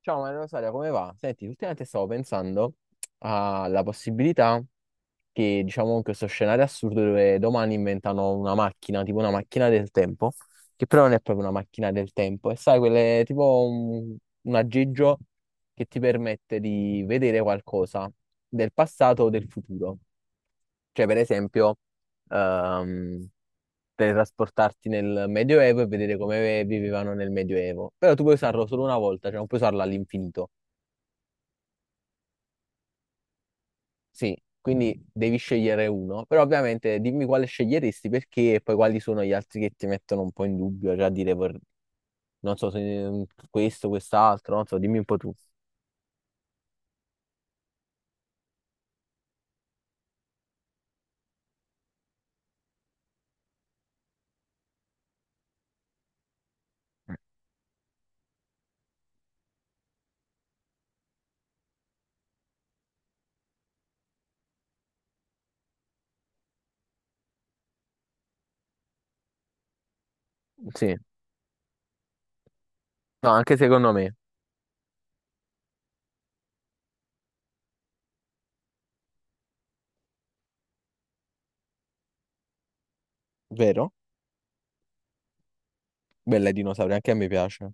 Ciao Maria Rosaria, come va? Senti, ultimamente stavo pensando alla possibilità che, diciamo, questo scenario assurdo dove domani inventano una macchina, tipo una macchina del tempo, che però non è proprio una macchina del tempo, e sai, quelle, tipo un aggeggio che ti permette di vedere qualcosa del passato o del futuro. Cioè, per esempio, ehm, teletrasportarti nel Medioevo e vedere come vivevano nel Medioevo. Però tu puoi usarlo solo una volta, cioè non puoi usarlo all'infinito. Sì, quindi devi scegliere uno, però ovviamente dimmi quale sceglieresti perché e poi quali sono gli altri che ti mettono un po' in dubbio, cioè a dire non so se mm, questo, quest'altro, non so, dimmi un po' tu. Sì, no, anche secondo me, vero? Bella i dinosauri, anche a me piace.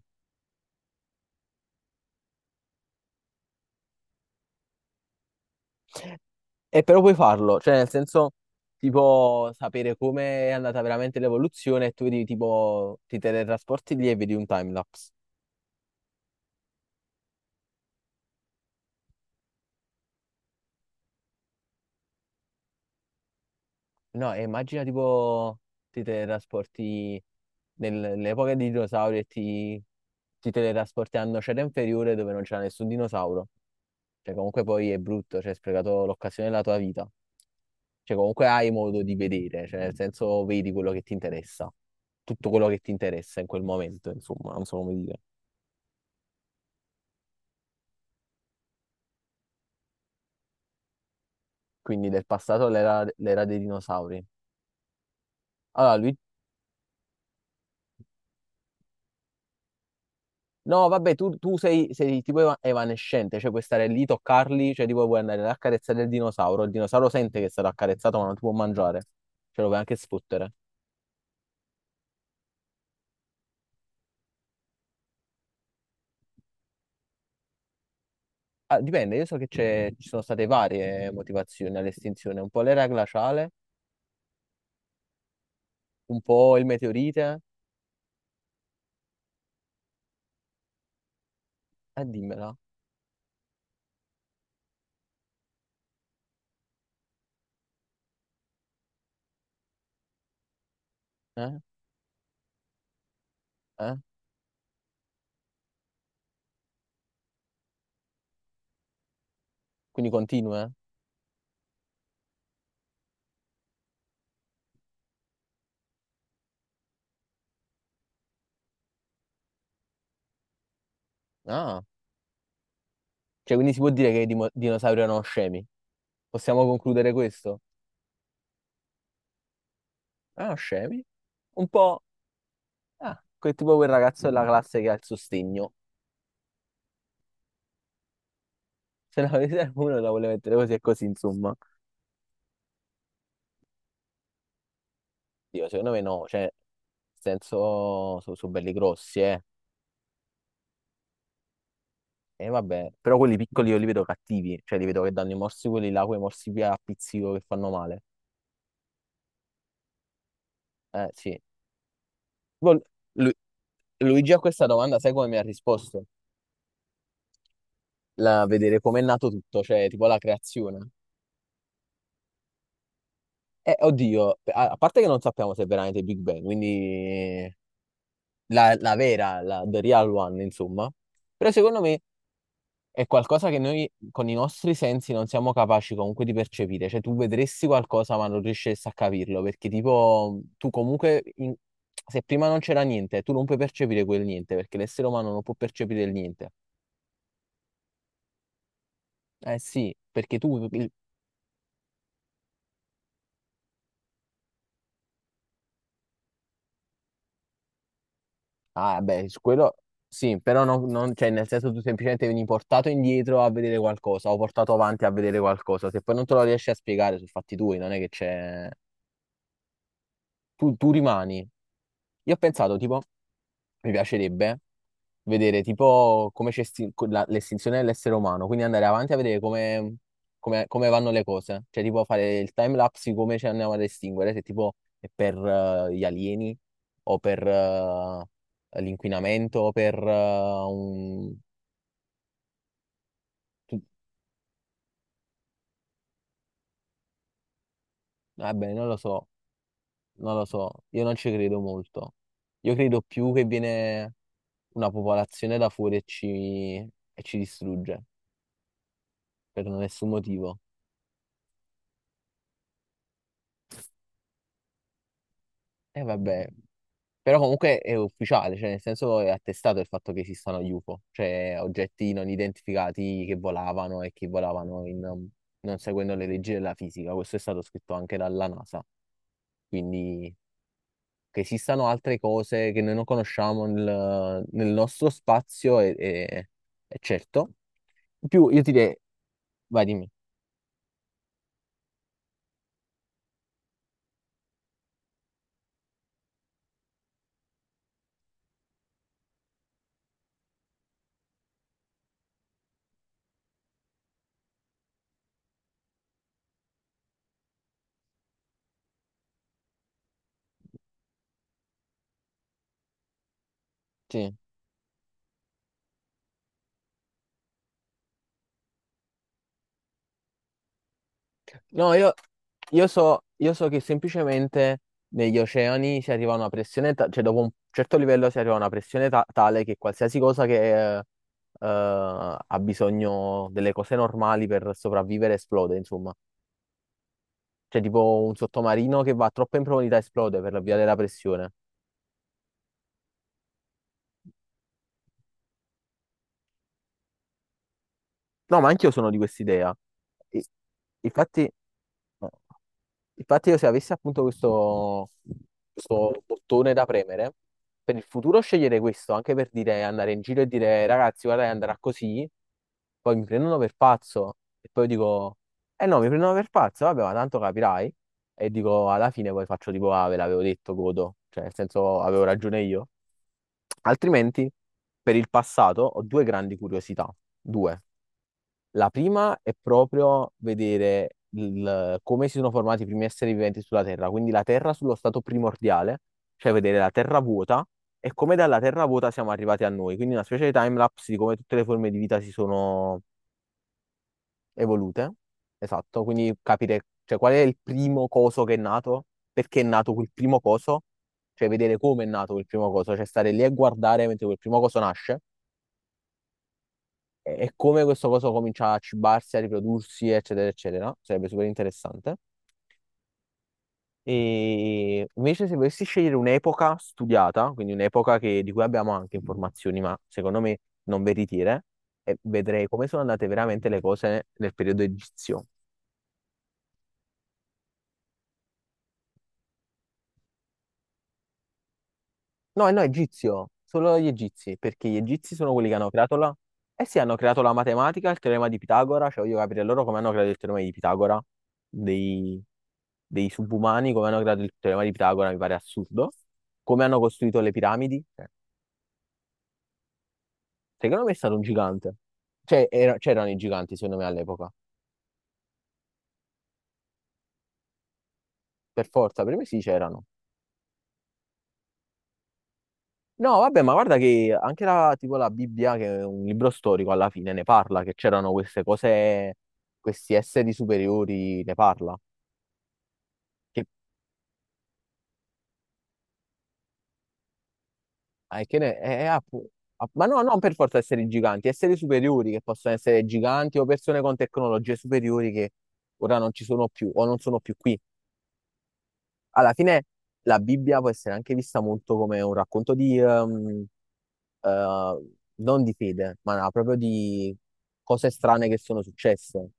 E però puoi farlo, cioè nel senso tipo sapere come è andata veramente l'evoluzione e tu vedi tipo ti teletrasporti lì e vedi un timelapse. No, e immagina tipo ti teletrasporti nell'epoca dei dinosauri ti teletrasporti al nocera inferiore dove non c'era nessun dinosauro. Cioè, comunque poi è brutto, cioè, hai sprecato l'occasione della tua vita. Cioè, comunque hai modo di vedere, cioè, nel senso vedi quello che ti interessa, tutto quello che ti interessa in quel momento, insomma, non so come dire. Quindi del passato all'era l'era dei dinosauri. Allora, Luigi. No, vabbè, tu sei, sei tipo evanescente, cioè puoi stare lì, toccarli, cioè tipo puoi andare ad accarezzare il dinosauro sente che è stato accarezzato ma non ti può mangiare, ce lo puoi anche sfottere. Ah, dipende, io so che ci sono state varie motivazioni all'estinzione, un po' l'era glaciale, un po' il meteorite, dimmela, eh? Eh? Quindi continua, eh? Ah, cioè quindi si può dire che i dinosauri erano scemi, possiamo concludere questo? Ah, scemi? Un po', ah, quel tipo quel ragazzo della classe che ha il sostegno. Se ne avete uno la vuole mettere così e così, insomma. Dio, secondo me no, cioè, nel senso, sono belli grossi, eh. E vabbè, però quelli piccoli io li vedo cattivi, cioè li vedo che danno i morsi quelli là, quei morsi via a pizzico che fanno male. Sì. Poi Lu- Luigi a questa domanda, sai come mi ha risposto? La, vedere com'è nato tutto, cioè tipo la creazione. Oddio, a, a parte che non sappiamo se è veramente Big Bang, quindi la, la vera, la, the real one, insomma. Però secondo me è qualcosa che noi con i nostri sensi non siamo capaci comunque di percepire, cioè tu vedresti qualcosa ma non riusciresti a capirlo, perché tipo tu comunque, se prima non c'era niente, tu non puoi percepire quel niente, perché l'essere umano non può percepire il niente. Eh sì, perché tu, il- ah beh, su quello sì, però non, cioè nel senso tu semplicemente vieni portato indietro a vedere qualcosa o portato avanti a vedere qualcosa, se poi non te lo riesci a spiegare sono fatti tuoi, non è che c'è... Tu rimani. Io ho pensato tipo... mi piacerebbe vedere tipo come l'estinzione dell'essere umano, quindi andare avanti a vedere come, come vanno le cose, cioè tipo fare il time lapse di come ci andiamo ad estinguere, se tipo è per gli alieni o per l'inquinamento o per un... tu- Vabbè, non lo so, io non ci credo molto. Io credo più che viene una popolazione da fuori e ci distrugge per nessun motivo. E vabbè. Però comunque è ufficiale, cioè nel senso è attestato il fatto che esistano gli UFO, cioè oggetti non identificati che volavano e che volavano non seguendo le leggi della fisica. Questo è stato scritto anche dalla NASA. Quindi che esistano altre cose che noi non conosciamo nel, nel nostro spazio è, è certo. In più, io ti direi, vai dimmi. Sì. No, io, io so che semplicemente negli oceani si arriva a una pressione, cioè dopo un certo livello si arriva a una pressione tale che qualsiasi cosa che ha bisogno delle cose normali per sopravvivere esplode, insomma. Cioè tipo un sottomarino che va troppo in profondità esplode per la via della pressione. No, ma anch'io sono di quest'idea. I- Infatti, no. Infatti io se avessi appunto questo, questo bottone da premere, per il futuro sceglierei questo, anche per dire, andare in giro e dire, ragazzi, guarda, che andrà così, poi mi prendono per pazzo, e poi dico, eh no, mi prendono per pazzo, vabbè, ma tanto capirai, e dico, alla fine poi faccio tipo, ah, ve l'avevo detto, godo, cioè, nel senso, avevo ragione io. Altrimenti, per il passato, ho due grandi curiosità, due. La prima è proprio vedere come si sono formati i primi esseri viventi sulla Terra, quindi la Terra sullo stato primordiale, cioè vedere la Terra vuota e come dalla Terra vuota siamo arrivati a noi, quindi una specie di timelapse di come tutte le forme di vita si sono evolute. Esatto, quindi capire, cioè, qual è il primo coso che è nato, perché è nato quel primo coso, cioè vedere come è nato quel primo coso, cioè stare lì e guardare mentre quel primo coso nasce e come questo coso comincia a cibarsi, a riprodursi, eccetera, eccetera. Sarebbe super interessante. E invece, se volessi scegliere un'epoca studiata, quindi un'epoca di cui abbiamo anche informazioni, ma secondo me non veritiere, e vedrei come sono andate veramente le cose nel periodo egizio. No, no, egizio, solo gli egizi, perché gli egizi sono quelli che hanno creato la... Eh sì, hanno creato la matematica, il teorema di Pitagora, cioè voglio capire loro come hanno creato il teorema di Pitagora, dei, dei subumani, come hanno creato il teorema di Pitagora, mi pare assurdo, come hanno costruito le piramidi, cioè, secondo me è stato un gigante, cioè c'erano i giganti secondo me all'epoca, per forza, per me sì c'erano. No, vabbè, ma guarda che anche la, tipo la Bibbia, che è un libro storico, alla fine ne parla, che c'erano queste cose, questi esseri superiori, ne parla. Che, eh, che ne- eh, eh, appu- ma no, non per forza esseri giganti, esseri superiori che possono essere giganti o persone con tecnologie superiori che ora non ci sono più o non sono più qui. Alla fine la Bibbia può essere anche vista molto come un racconto di, eh, non di fede, ma no, proprio di cose strane che sono successe.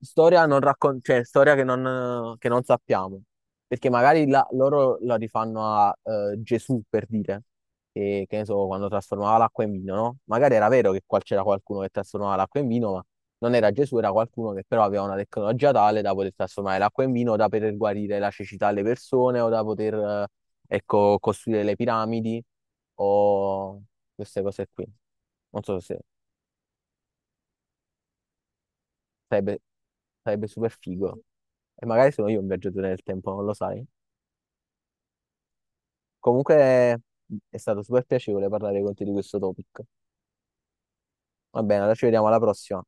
Storia, non raccon- cioè, storia che non sappiamo, perché magari loro la rifanno a Gesù per dire, che ne so, quando trasformava l'acqua in vino, no? Magari era vero che qua c'era qualcuno che trasformava l'acqua in vino, ma non era Gesù, era qualcuno che però aveva una tecnologia tale da poter trasformare l'acqua in vino, da poter guarire la cecità alle persone o da poter, ecco, costruire le piramidi o queste cose qui. Non so se... Sarebbe, sarebbe super figo. E magari sono io un viaggiatore nel tempo, non lo sai. Comunque è stato super piacevole parlare con te di questo topic. Va bene, allora ci vediamo alla prossima.